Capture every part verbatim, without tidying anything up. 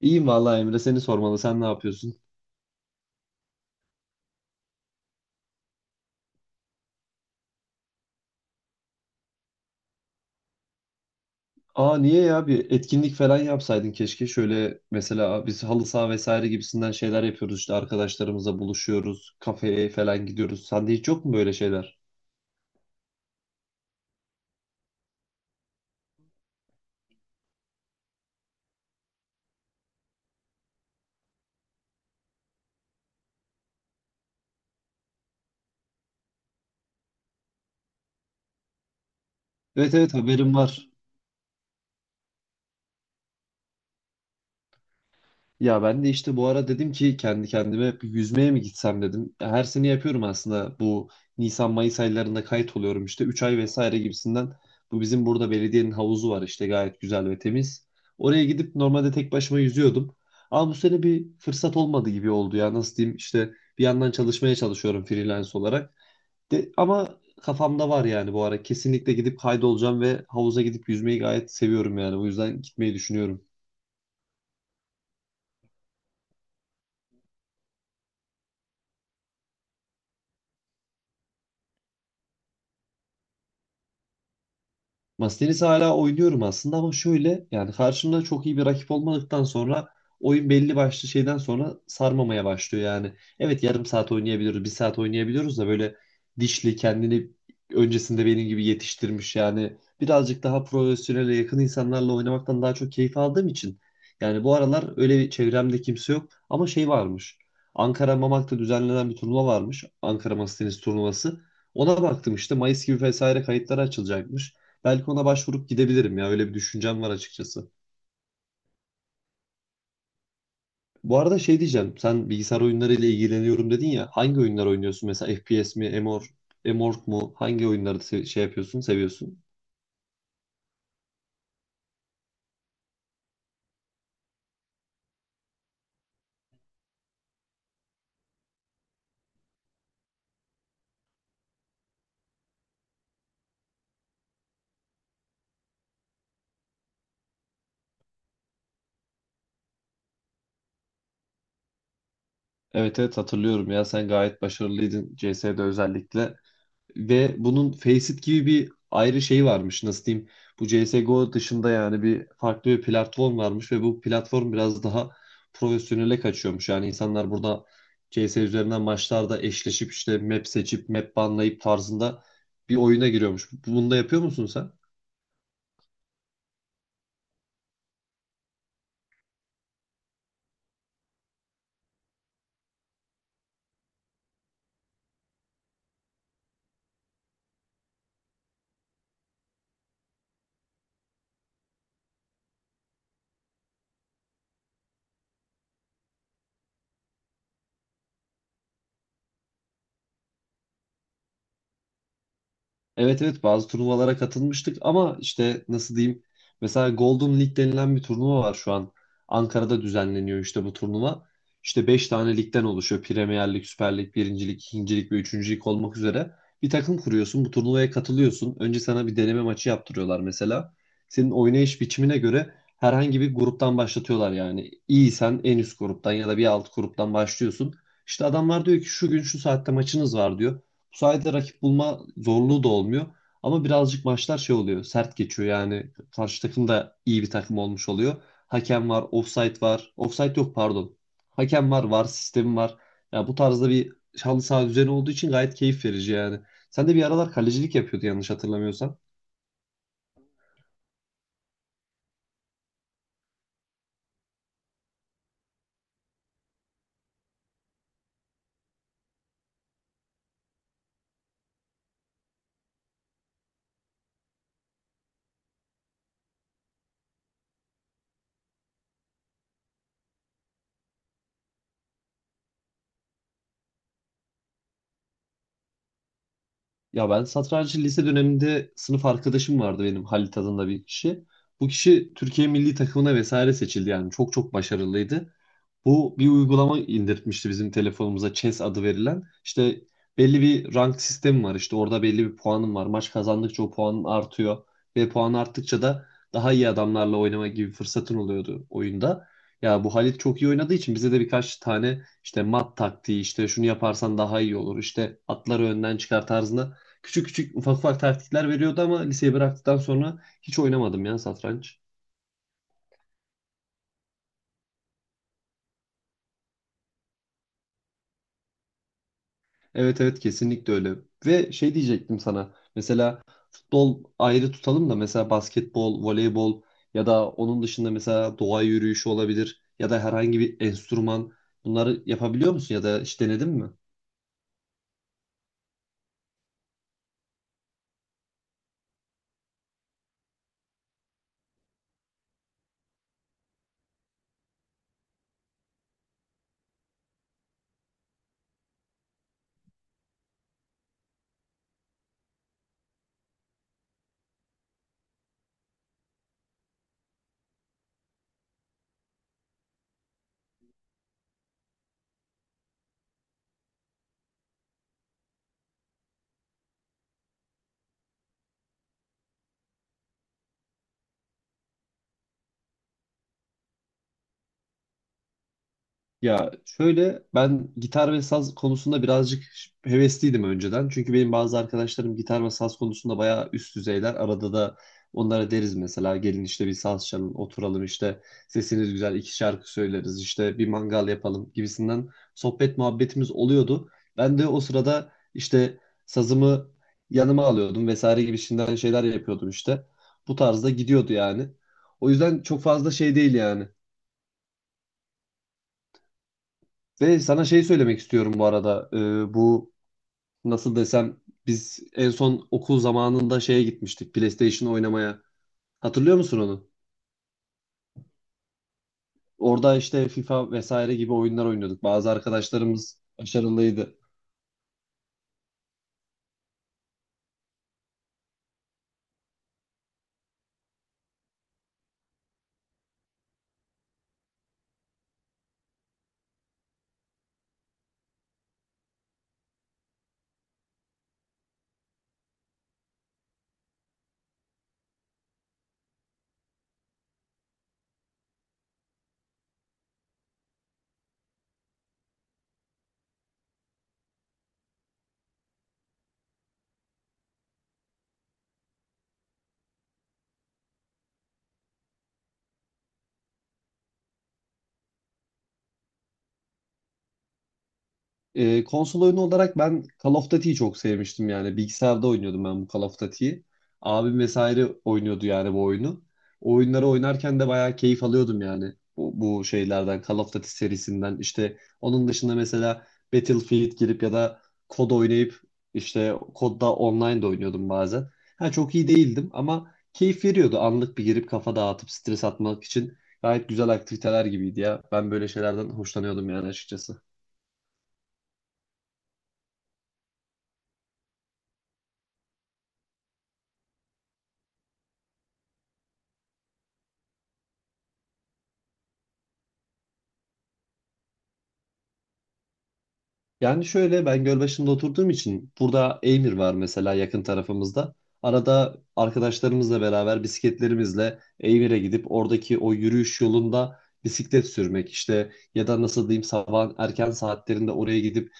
İyiyim vallahi Emre seni sormalı. Sen ne yapıyorsun? Aa niye ya bir etkinlik falan yapsaydın keşke. Şöyle mesela biz halı saha vesaire gibisinden şeyler yapıyoruz işte arkadaşlarımızla buluşuyoruz. Kafeye falan gidiyoruz. Sende hiç yok mu böyle şeyler? Evet evet haberim var. Ya ben de işte bu ara dedim ki kendi kendime bir yüzmeye mi gitsem dedim. Her sene yapıyorum aslında bu Nisan Mayıs aylarında kayıt oluyorum işte üç ay vesaire gibisinden. Bu bizim burada belediyenin havuzu var işte gayet güzel ve temiz. Oraya gidip normalde tek başıma yüzüyordum. Ama bu sene bir fırsat olmadı gibi oldu ya nasıl diyeyim işte bir yandan çalışmaya çalışıyorum freelance olarak. De, ama kafamda var yani bu ara kesinlikle gidip kaydolacağım ve havuza gidip yüzmeyi gayet seviyorum yani bu yüzden gitmeyi düşünüyorum. Masa tenisi hala oynuyorum aslında ama şöyle yani karşımda çok iyi bir rakip olmadıktan sonra oyun belli başlı şeyden sonra sarmamaya başlıyor yani. Evet yarım saat oynayabiliyoruz, bir saat oynayabiliyoruz da böyle dişli kendini öncesinde benim gibi yetiştirmiş yani birazcık daha profesyonele yakın insanlarla oynamaktan daha çok keyif aldığım için yani bu aralar öyle bir çevremde kimse yok ama şey varmış. Ankara Mamak'ta düzenlenen bir turnuva varmış. Ankara Masa Tenisi turnuvası. Ona baktım işte Mayıs gibi vesaire kayıtları açılacakmış. Belki ona başvurup gidebilirim ya. Öyle bir düşüncem var açıkçası. Bu arada şey diyeceğim. Sen bilgisayar oyunlarıyla ilgileniyorum dedin ya. Hangi oyunlar oynuyorsun? Mesela F P S mi? M M O R M M O R P G mu? Hangi oyunları se- şey yapıyorsun, seviyorsun? Evet evet hatırlıyorum ya. Sen gayet başarılıydın C S'de özellikle. Ve bunun Faceit gibi bir ayrı şey varmış nasıl diyeyim. Bu C S G O dışında yani bir farklı bir platform varmış ve bu platform biraz daha profesyonele kaçıyormuş. Yani insanlar burada C S üzerinden maçlarda eşleşip işte map seçip map banlayıp tarzında bir oyuna giriyormuş. Bunu da yapıyor musun sen? Evet evet bazı turnuvalara katılmıştık ama işte nasıl diyeyim mesela Golden League denilen bir turnuva var şu an. Ankara'da düzenleniyor işte bu turnuva. İşte beş tane ligden oluşuyor. Premier Lig, Süper Lig, birinci. Lig, ikinci. Lig ve üçüncü. Lig olmak üzere. Bir takım kuruyorsun, bu turnuvaya katılıyorsun. Önce sana bir deneme maçı yaptırıyorlar mesela. Senin oynayış biçimine göre herhangi bir gruptan başlatıyorlar yani. İyiysen en üst gruptan ya da bir alt gruptan başlıyorsun. İşte adamlar diyor ki şu gün şu saatte maçınız var diyor. Bu sayede rakip bulma zorluğu da olmuyor. Ama birazcık maçlar şey oluyor. Sert geçiyor yani. Karşı takım da iyi bir takım olmuş oluyor. Hakem var, offside var. Offside yok pardon. Hakem var, var sistemi var. Ya bu tarzda bir halı saha düzeni olduğu için gayet keyif verici yani. Sen de bir aralar kalecilik yapıyordu yanlış hatırlamıyorsam. Ya ben satrancı lise döneminde sınıf arkadaşım vardı benim Halit adında bir kişi. Bu kişi Türkiye milli takımına vesaire seçildi yani çok çok başarılıydı. Bu bir uygulama indirtmişti bizim telefonumuza Chess adı verilen. İşte belli bir rank sistemi var. İşte orada belli bir puanım var. Maç kazandıkça o puanın artıyor. Ve puan arttıkça da daha iyi adamlarla oynama gibi fırsatın oluyordu oyunda. Ya bu Halit çok iyi oynadığı için bize de birkaç tane işte mat taktiği işte şunu yaparsan daha iyi olur. işte atları önden çıkar tarzında küçük küçük ufak ufak taktikler veriyordu ama liseyi bıraktıktan sonra hiç oynamadım ya satranç. Evet evet kesinlikle öyle. Ve şey diyecektim sana. Mesela futbol ayrı tutalım da mesela basketbol, voleybol ya da onun dışında mesela doğa yürüyüşü olabilir ya da herhangi bir enstrüman bunları yapabiliyor musun ya da hiç denedin mi? Ya şöyle ben gitar ve saz konusunda birazcık hevesliydim önceden. Çünkü benim bazı arkadaşlarım gitar ve saz konusunda bayağı üst düzeyler. Arada da onlara deriz mesela gelin işte bir saz çalın oturalım işte sesiniz güzel iki şarkı söyleriz işte bir mangal yapalım gibisinden sohbet muhabbetimiz oluyordu. Ben de o sırada işte sazımı yanıma alıyordum vesaire gibisinden şeyler yapıyordum işte. Bu tarzda gidiyordu yani. O yüzden çok fazla şey değil yani. Ve sana şey söylemek istiyorum bu arada. Ee, bu nasıl desem biz en son okul zamanında şeye gitmiştik PlayStation oynamaya. Hatırlıyor musun onu? Orada işte FIFA vesaire gibi oyunlar oynuyorduk. Bazı arkadaşlarımız başarılıydı. Ee, konsol oyunu olarak ben Call of Duty'yi çok sevmiştim yani. Bilgisayarda oynuyordum ben bu Call of Duty'yi. Abim vesaire oynuyordu yani bu oyunu. O oyunları oynarken de bayağı keyif alıyordum yani. Bu, bu şeylerden, Call of Duty serisinden. İşte onun dışında mesela Battlefield girip ya da kod oynayıp işte kodda online de oynuyordum bazen. Ha, çok iyi değildim ama keyif veriyordu. Anlık bir girip kafa dağıtıp stres atmak için gayet güzel aktiviteler gibiydi ya. Ben böyle şeylerden hoşlanıyordum yani açıkçası. Yani şöyle ben Gölbaşı'nda oturduğum için burada Eymir var mesela yakın tarafımızda. Arada arkadaşlarımızla beraber bisikletlerimizle Eymir'e gidip oradaki o yürüyüş yolunda bisiklet sürmek işte ya da nasıl diyeyim sabah erken saatlerinde oraya gidip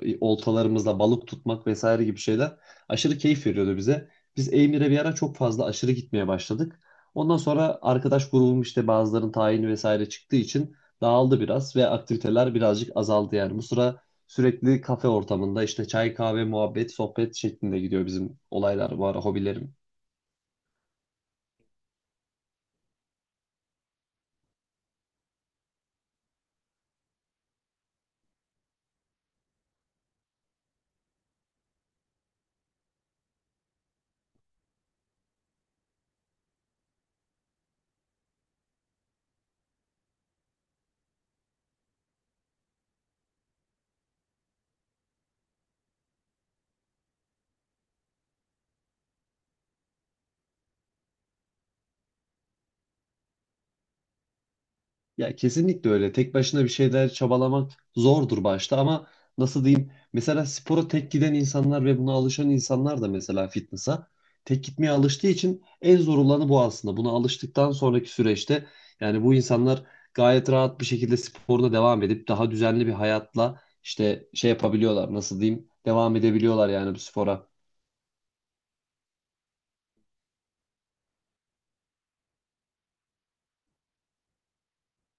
e, oltalarımızla balık tutmak vesaire gibi şeyler aşırı keyif veriyordu bize. Biz Eymir'e bir ara çok fazla aşırı gitmeye başladık. Ondan sonra arkadaş grubum işte bazılarının tayini vesaire çıktığı için dağıldı biraz ve aktiviteler birazcık azaldı yani. Bu sıra sürekli kafe ortamında işte çay, kahve, muhabbet, sohbet şeklinde gidiyor bizim olaylar bu ara hobilerimiz. Ya kesinlikle öyle. Tek başına bir şeyler çabalamak zordur başta ama nasıl diyeyim? Mesela spora tek giden insanlar ve buna alışan insanlar da mesela fitness'a tek gitmeye alıştığı için en zor olanı bu aslında. Buna alıştıktan sonraki süreçte yani bu insanlar gayet rahat bir şekilde sporuna devam edip daha düzenli bir hayatla işte şey yapabiliyorlar. Nasıl diyeyim? Devam edebiliyorlar yani bu spora.